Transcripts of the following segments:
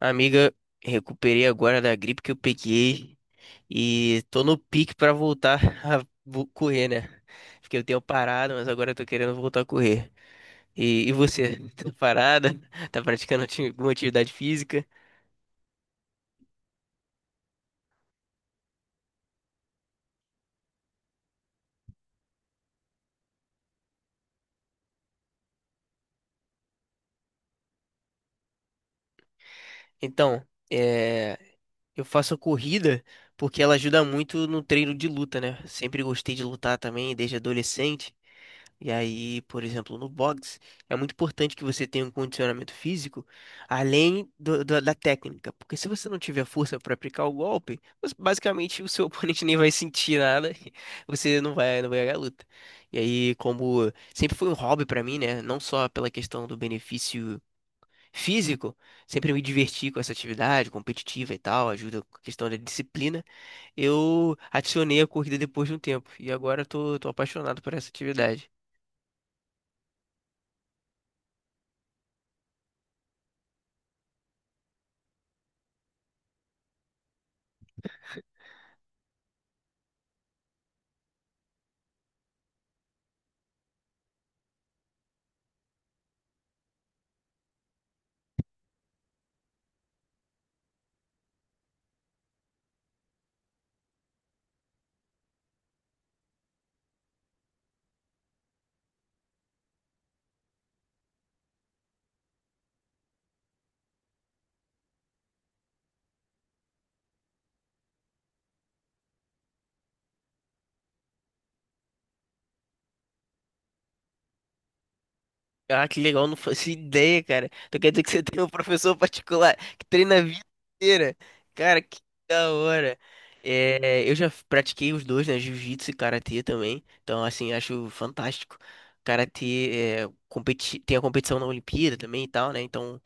Amiga, recuperei agora da gripe que eu peguei e tô no pique pra voltar correr, né? Fiquei um tempo parado, mas agora eu tô querendo voltar a correr. E você, tá parada? Tá praticando alguma atividade física? Então, é, eu faço a corrida porque ela ajuda muito no treino de luta, né? Sempre gostei de lutar também, desde adolescente. E aí, por exemplo, no boxe, é muito importante que você tenha um condicionamento físico além da técnica, porque se você não tiver força para aplicar o golpe, basicamente o seu oponente nem vai sentir nada, e você não vai ganhar a luta. E aí, como sempre foi um hobby para mim, né, não só pela questão do benefício físico, sempre me diverti com essa atividade competitiva e tal, ajuda com a questão da disciplina, eu adicionei a corrida depois de um tempo, e agora eu tô apaixonado por essa atividade. Ah, que legal, não faço ideia, cara. Então quer dizer que você tem um professor particular que treina a vida inteira. Cara, que da hora. É, eu já pratiquei os dois, né? Jiu-jitsu e karatê também. Então, assim, acho fantástico. Karatê é, competi tem a competição na Olimpíada também e tal, né? Então,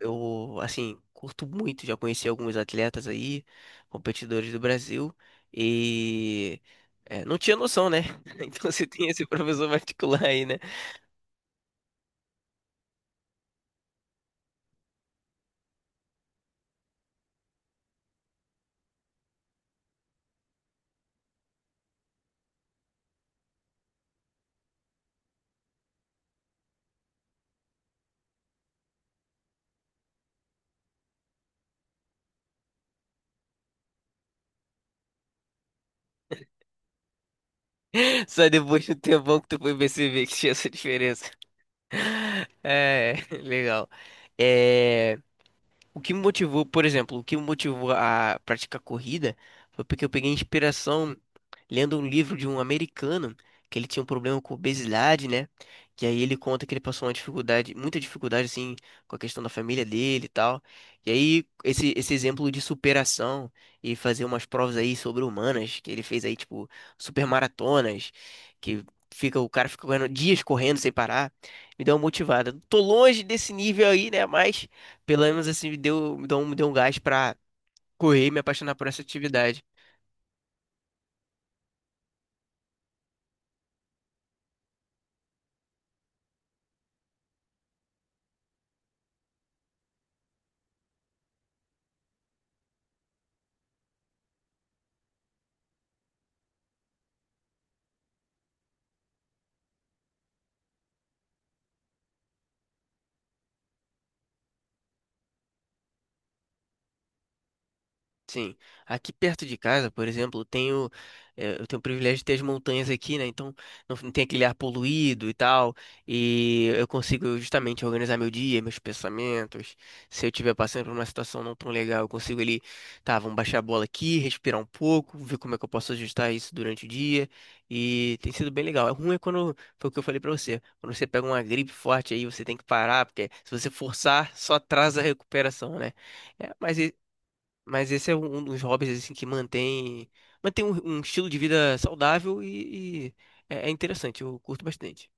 eu, assim, curto muito. Já conheci alguns atletas aí, competidores do Brasil. E é, não tinha noção, né? Então, você tem esse professor particular aí, né? Só depois de um tempão que tu foi perceber que tinha essa diferença. É, legal. É. O que me motivou, por exemplo, o que me motivou a praticar corrida foi porque eu peguei inspiração lendo um livro de um americano que ele tinha um problema com obesidade, né? Que aí ele conta que ele passou uma dificuldade, muita dificuldade assim, com a questão da família dele e tal. E aí esse exemplo de superação e fazer umas provas aí sobre-humanas que ele fez aí tipo supermaratonas, que fica o cara fica correndo dias correndo sem parar, me deu uma motivada. Tô longe desse nível aí, né? Mas pelo menos assim, me deu um gás pra correr e me apaixonar por essa atividade. Sim. Aqui perto de casa, por exemplo, eu tenho o privilégio de ter as montanhas aqui, né? Então não tem aquele ar poluído e tal. E eu consigo justamente organizar meu dia, meus pensamentos. Se eu estiver passando por uma situação não tão legal, eu consigo ali, tá, vamos baixar a bola aqui, respirar um pouco, ver como é que eu posso ajustar isso durante o dia. E tem sido bem legal. É ruim é quando, foi o que eu falei pra você, quando você pega uma gripe forte aí, você tem que parar, porque se você forçar, só atrasa a recuperação, né? É, mas esse é um dos hobbies assim que mantém um estilo de vida saudável e é, é interessante, eu curto bastante.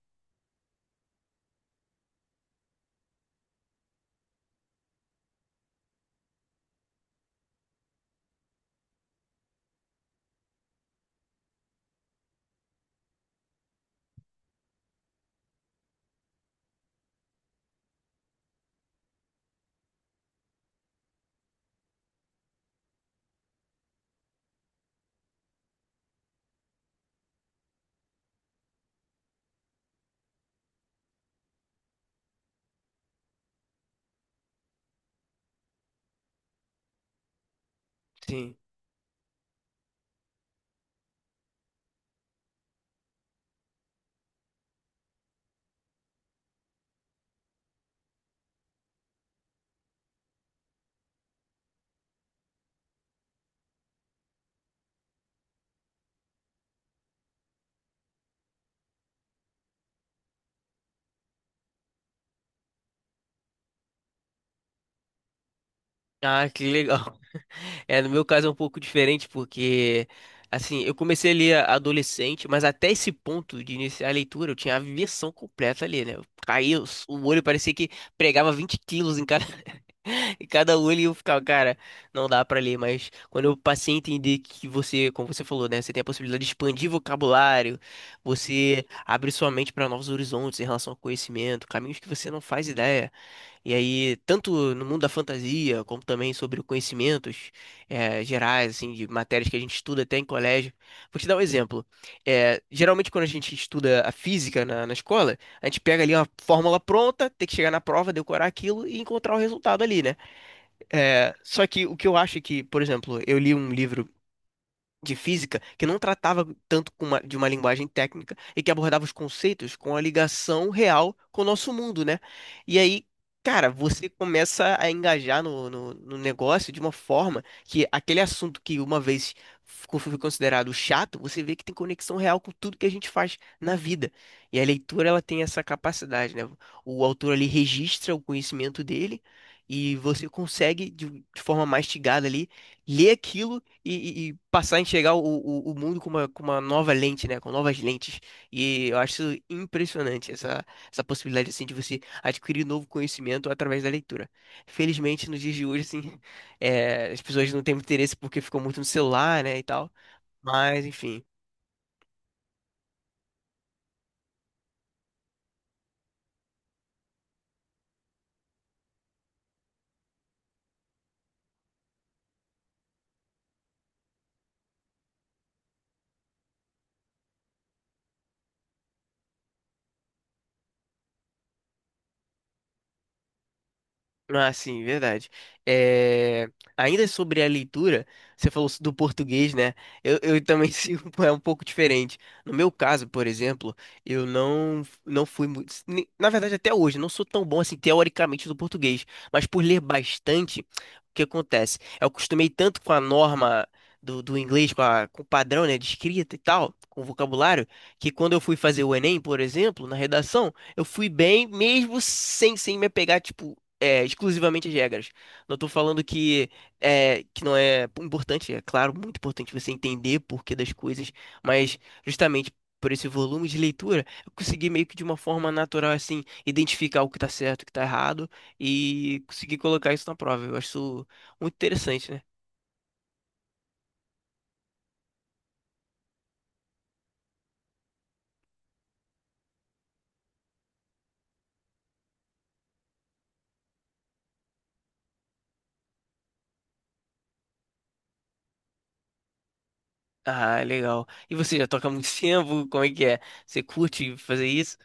Sim. Ah, que legal. É, no meu caso é um pouco diferente porque assim, eu comecei a ler adolescente, mas até esse ponto de iniciar a leitura eu tinha aversão completa ali, né? Eu caía, o olho parecia que pregava 20 quilos em cada E cada olho eu ficava, cara, não dá pra ler, mas quando eu passei a entender que você, como você falou, né, você tem a possibilidade de expandir vocabulário, você abre sua mente pra novos horizontes em relação ao conhecimento, caminhos que você não faz ideia. E aí, tanto no mundo da fantasia, como também sobre conhecimentos gerais, assim, de matérias que a gente estuda até em colégio. Vou te dar um exemplo. Geralmente, quando a gente estuda a física na escola, a gente pega ali uma fórmula pronta, tem que chegar na prova, decorar aquilo e encontrar o resultado ali, né? É, só que o que eu acho é que, por exemplo, eu li um livro de física que não tratava tanto de uma linguagem técnica e que abordava os conceitos com a ligação real com o nosso mundo, né? E aí, cara, você começa a engajar no negócio de uma forma que aquele assunto que uma vez foi considerado chato, você vê que tem conexão real com tudo que a gente faz na vida. E a leitura, ela tem essa capacidade, né? O autor ali registra o conhecimento dele e você consegue, de forma mastigada ali, ler aquilo e passar a enxergar o mundo com uma nova lente, né? Com novas lentes. E eu acho impressionante essa possibilidade, assim, de você adquirir novo conhecimento através da leitura. Felizmente, nos dias de hoje, assim, é, as pessoas não têm muito interesse porque ficam muito no celular, né, e tal. Mas, enfim. Ah, sim, verdade. É, ainda sobre a leitura, você falou do português, né? Eu também sigo é um pouco diferente. No meu caso, por exemplo, eu não fui muito. Na verdade, até hoje, eu não sou tão bom assim, teoricamente, do português. Mas por ler bastante, o que acontece? Eu acostumei tanto com a norma do inglês, com o padrão, né, de escrita e tal, com o vocabulário, que quando eu fui fazer o Enem, por exemplo, na redação, eu fui bem, mesmo sem me apegar, tipo exclusivamente as regras. Não estou falando que que não é importante, é claro, muito importante você entender o porquê das coisas, mas justamente por esse volume de leitura, eu consegui meio que de uma forma natural, assim, identificar o que tá certo, o que tá errado e conseguir colocar isso na prova. Eu acho isso muito interessante, né? Ah, legal. E você já toca há muito tempo? Como é que é? Você curte fazer isso?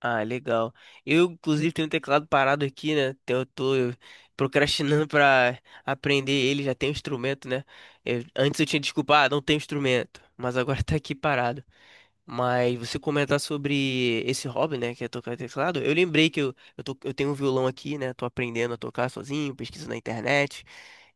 Ah, legal. Eu, inclusive, tenho um teclado parado aqui, né? Então eu tô procrastinando pra aprender ele, já tem um instrumento, né? Antes eu tinha desculpa, ah, não tem instrumento, mas agora tá aqui parado. Mas você comentar sobre esse hobby, né, que é tocar teclado, eu lembrei que eu tenho um violão aqui, né? Tô aprendendo a tocar sozinho, pesquiso na internet.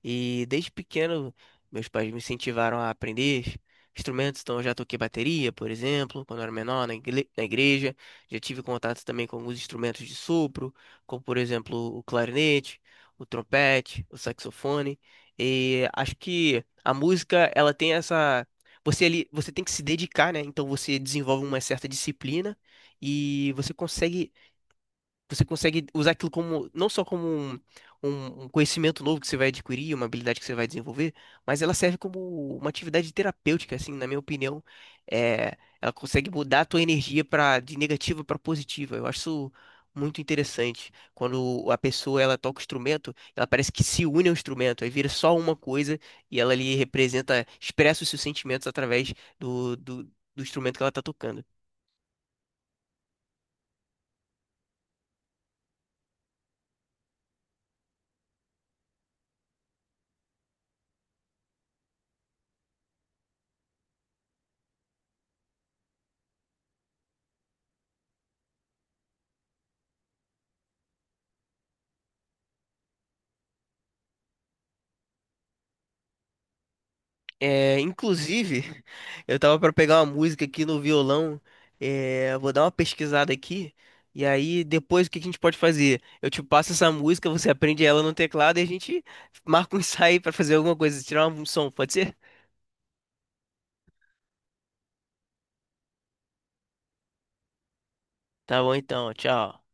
E desde pequeno, meus pais me incentivaram a aprender instrumentos, então eu já toquei bateria, por exemplo, quando eu era menor, na igreja. Já tive contato também com alguns instrumentos de sopro, como por exemplo o clarinete, o trompete, o saxofone. E acho que a música, ela tem essa. Você ali, você tem que se dedicar, né? Então você desenvolve uma certa disciplina e você consegue usar aquilo como, não só como um conhecimento novo que você vai adquirir, uma habilidade que você vai desenvolver, mas ela serve como uma atividade terapêutica, assim, na minha opinião. É, ela consegue mudar a tua energia para de negativa para positiva. Eu acho isso muito interessante. Quando a pessoa ela toca o instrumento, ela parece que se une ao instrumento, aí vira só uma coisa e ela ali representa, expressa os seus sentimentos através do instrumento que ela está tocando. É, inclusive, eu tava pra pegar uma música aqui no violão. É, eu vou dar uma pesquisada aqui. E aí, depois, o que que a gente pode fazer? Eu te passo essa música, você aprende ela no teclado e a gente marca um ensaio pra fazer alguma coisa, tirar um som, pode ser? Tá bom então, tchau.